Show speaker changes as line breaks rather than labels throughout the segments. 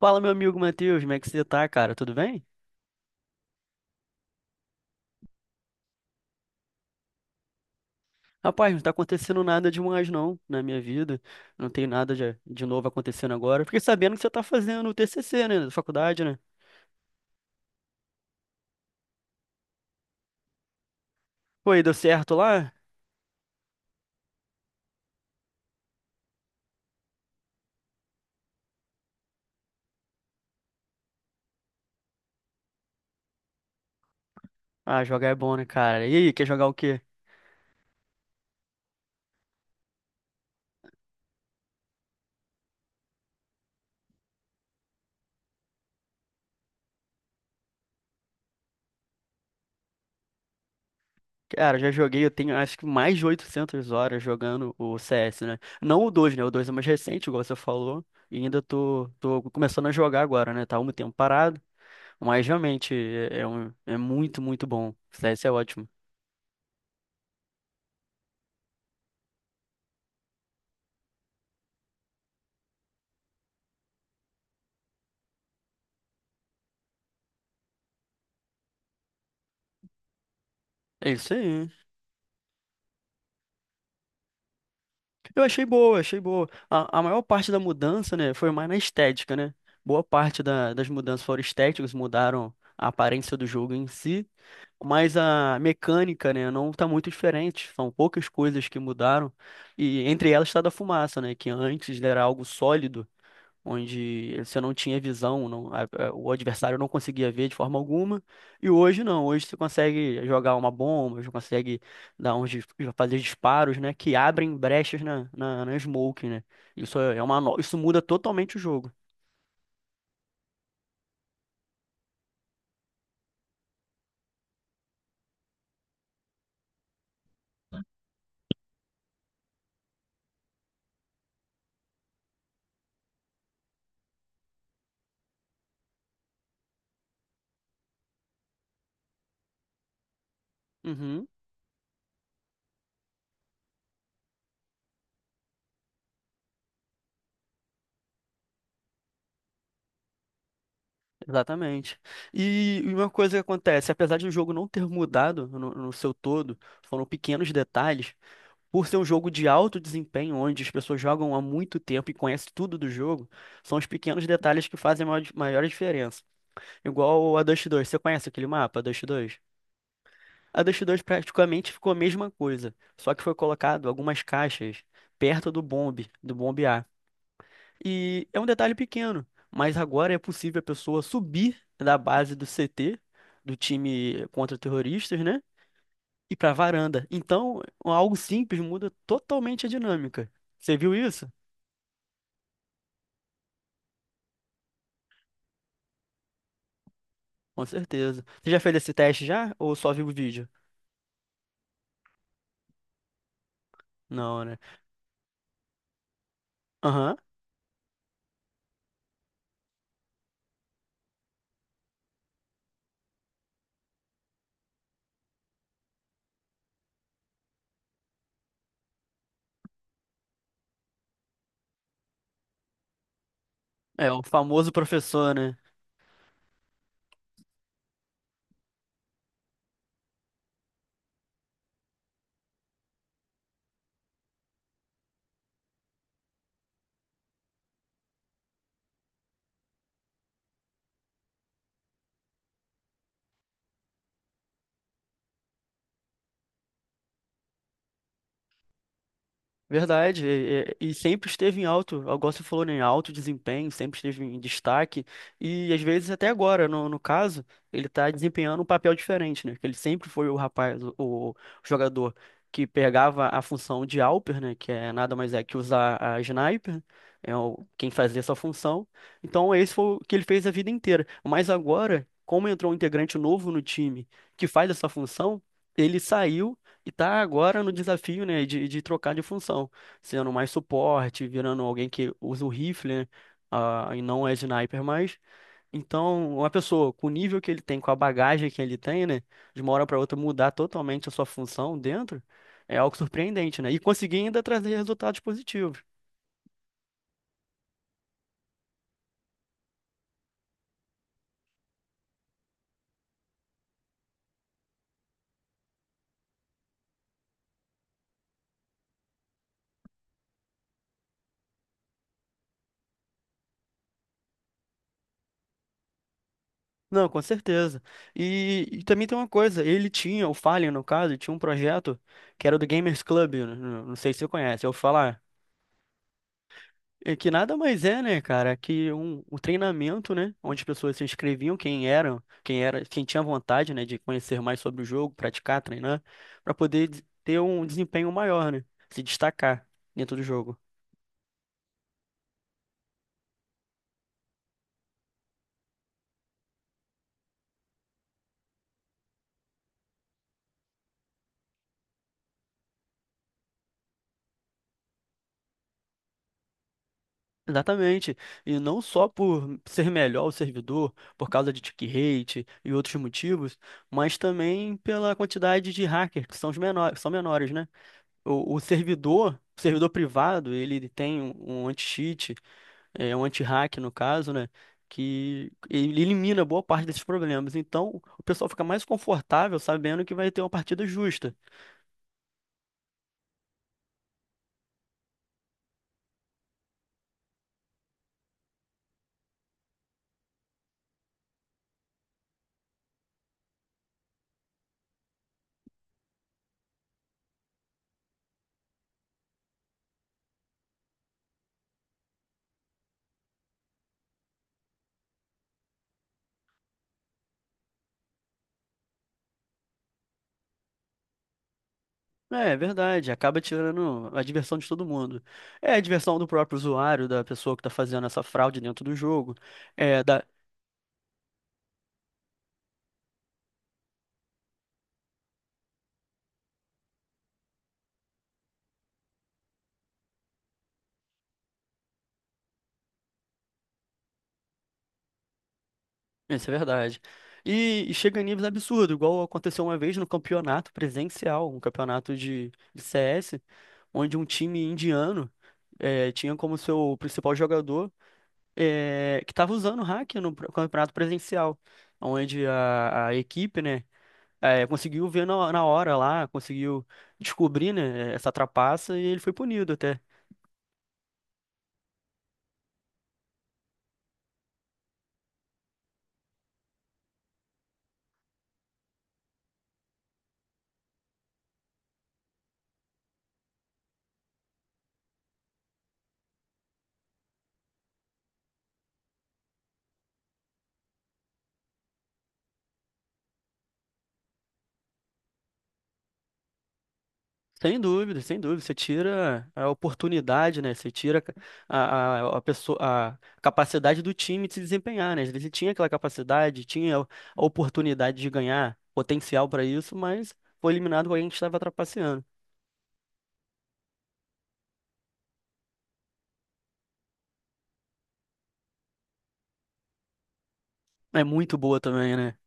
Fala, meu amigo Matheus, como é que você tá, cara? Tudo bem? Rapaz, não tá acontecendo nada demais, não, na minha vida. Não tem nada de novo acontecendo agora. Fiquei sabendo que você tá fazendo o TCC, né? Da faculdade, né? Pô, e deu certo lá? Ah, jogar é bom, né, cara? E aí, quer jogar o quê? Cara, já joguei, eu tenho acho que mais de 800 horas jogando o CS, né? Não o 2, né? O 2 é mais recente, igual você falou. E ainda tô começando a jogar agora, né? Tá um tempo parado. Mas realmente é muito bom. O CS é ótimo. É isso aí. Eu achei boa, achei boa. A maior parte da mudança, né, foi mais na estética, né? Boa parte das mudanças foram estéticas, mudaram a aparência do jogo em si, mas a mecânica, né, não tá muito diferente. São poucas coisas que mudaram, e entre elas está da fumaça, né, que antes era algo sólido onde você não tinha visão, o adversário não conseguia ver de forma alguma, e hoje não, hoje você consegue jogar uma bomba, você consegue dar uns, dis- fazer disparos, né, que abrem brechas na smoke, né? Isso é é uma, no- Isso muda totalmente o jogo. Uhum, exatamente. E uma coisa que acontece, apesar de o jogo não ter mudado no seu todo, foram pequenos detalhes. Por ser um jogo de alto desempenho, onde as pessoas jogam há muito tempo e conhecem tudo do jogo, são os pequenos detalhes que fazem a maior diferença. Igual a Dust 2, você conhece aquele mapa, a Dust 2? A Dust 2 praticamente ficou a mesma coisa, só que foi colocado algumas caixas perto do bombe A. E é um detalhe pequeno, mas agora é possível a pessoa subir da base do CT, do time contra terroristas, né? E para varanda. Então, algo simples muda totalmente a dinâmica. Você viu isso? Com certeza. Você já fez esse teste já? Ou só viu o vídeo? Não, né? Aham. É, o famoso professor, né? Verdade, e, e sempre esteve em alto, igual você falou, né, em alto desempenho, sempre esteve em destaque, e às vezes até agora, no caso, ele está desempenhando um papel diferente, né? Que ele sempre foi o rapaz, o jogador que pegava a função de Alper, né? Que nada mais é que usar a sniper, é o, quem fazia essa função. Então esse foi o que ele fez a vida inteira. Mas agora, como entrou um integrante novo no time que faz essa função, ele saiu e tá agora no desafio, né, de trocar de função, sendo mais suporte, virando alguém que usa o rifle, né, e não é sniper mais. Então, uma pessoa com o nível que ele tem, com a bagagem que ele tem, né, de uma hora para outra mudar totalmente a sua função dentro, é algo surpreendente, né? E conseguir ainda trazer resultados positivos. Não, com certeza. E também tem uma coisa, ele tinha, o Fallen no caso, tinha um projeto que era do Gamers Club, né, não sei se você conhece, eu falar. É que nada mais é, né, cara, que um treinamento, né, onde as pessoas se inscreviam, quem eram, quem era, quem tinha vontade, né, de conhecer mais sobre o jogo, praticar, treinar, para poder ter um desempenho maior, né, se destacar dentro do jogo. Exatamente. E não só por ser melhor o servidor, por causa de tick rate e outros motivos, mas também pela quantidade de hackers, que são são menores, né? O servidor, o servidor privado, ele tem um anti-cheat, um anti-hack no caso, né? Que ele elimina boa parte desses problemas. Então, o pessoal fica mais confortável sabendo que vai ter uma partida justa. É, é verdade, acaba tirando a diversão de todo mundo. É a diversão do próprio usuário, da pessoa que está fazendo essa fraude dentro do jogo. É, da... Isso é verdade. E chega em níveis absurdos, igual aconteceu uma vez no campeonato presencial, um campeonato de CS, onde um time indiano tinha como seu principal jogador, que estava usando o hack no campeonato presencial, onde a equipe, né, conseguiu ver na hora lá, conseguiu descobrir, né, essa trapaça e ele foi punido até. Sem dúvida, sem dúvida. Você tira a oportunidade, né? Você tira a pessoa, a capacidade do time de se desempenhar, né? Às vezes ele tinha aquela capacidade, tinha a oportunidade de ganhar, potencial para isso, mas foi eliminado por alguém que estava trapaceando. É muito boa também, né?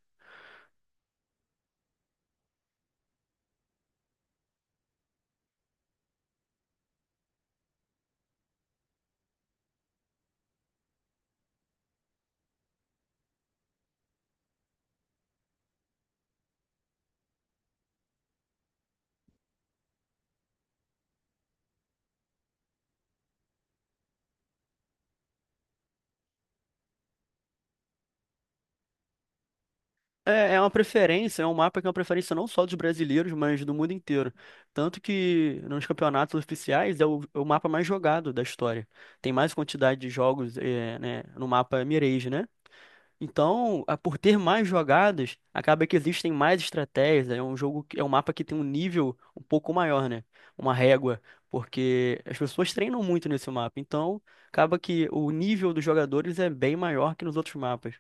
É, é uma preferência, é um mapa que é uma preferência não só dos brasileiros, mas do mundo inteiro. Tanto que nos campeonatos oficiais é o mapa mais jogado da história. Tem mais quantidade de jogos, é, né, no mapa Mirage, né? Então, por ter mais jogadas, acaba que existem mais estratégias. É um mapa que tem um nível um pouco maior, né? Uma régua, porque as pessoas treinam muito nesse mapa. Então, acaba que o nível dos jogadores é bem maior que nos outros mapas.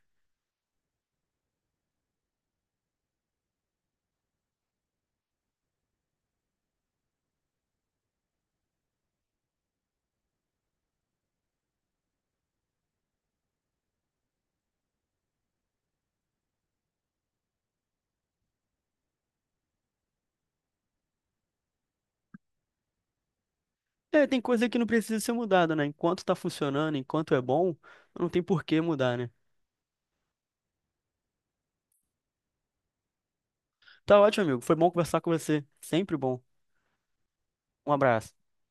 É, tem coisa que não precisa ser mudada, né? Enquanto tá funcionando, enquanto é bom, não tem por que mudar, né? Tá ótimo, amigo. Foi bom conversar com você. Sempre bom. Um abraço.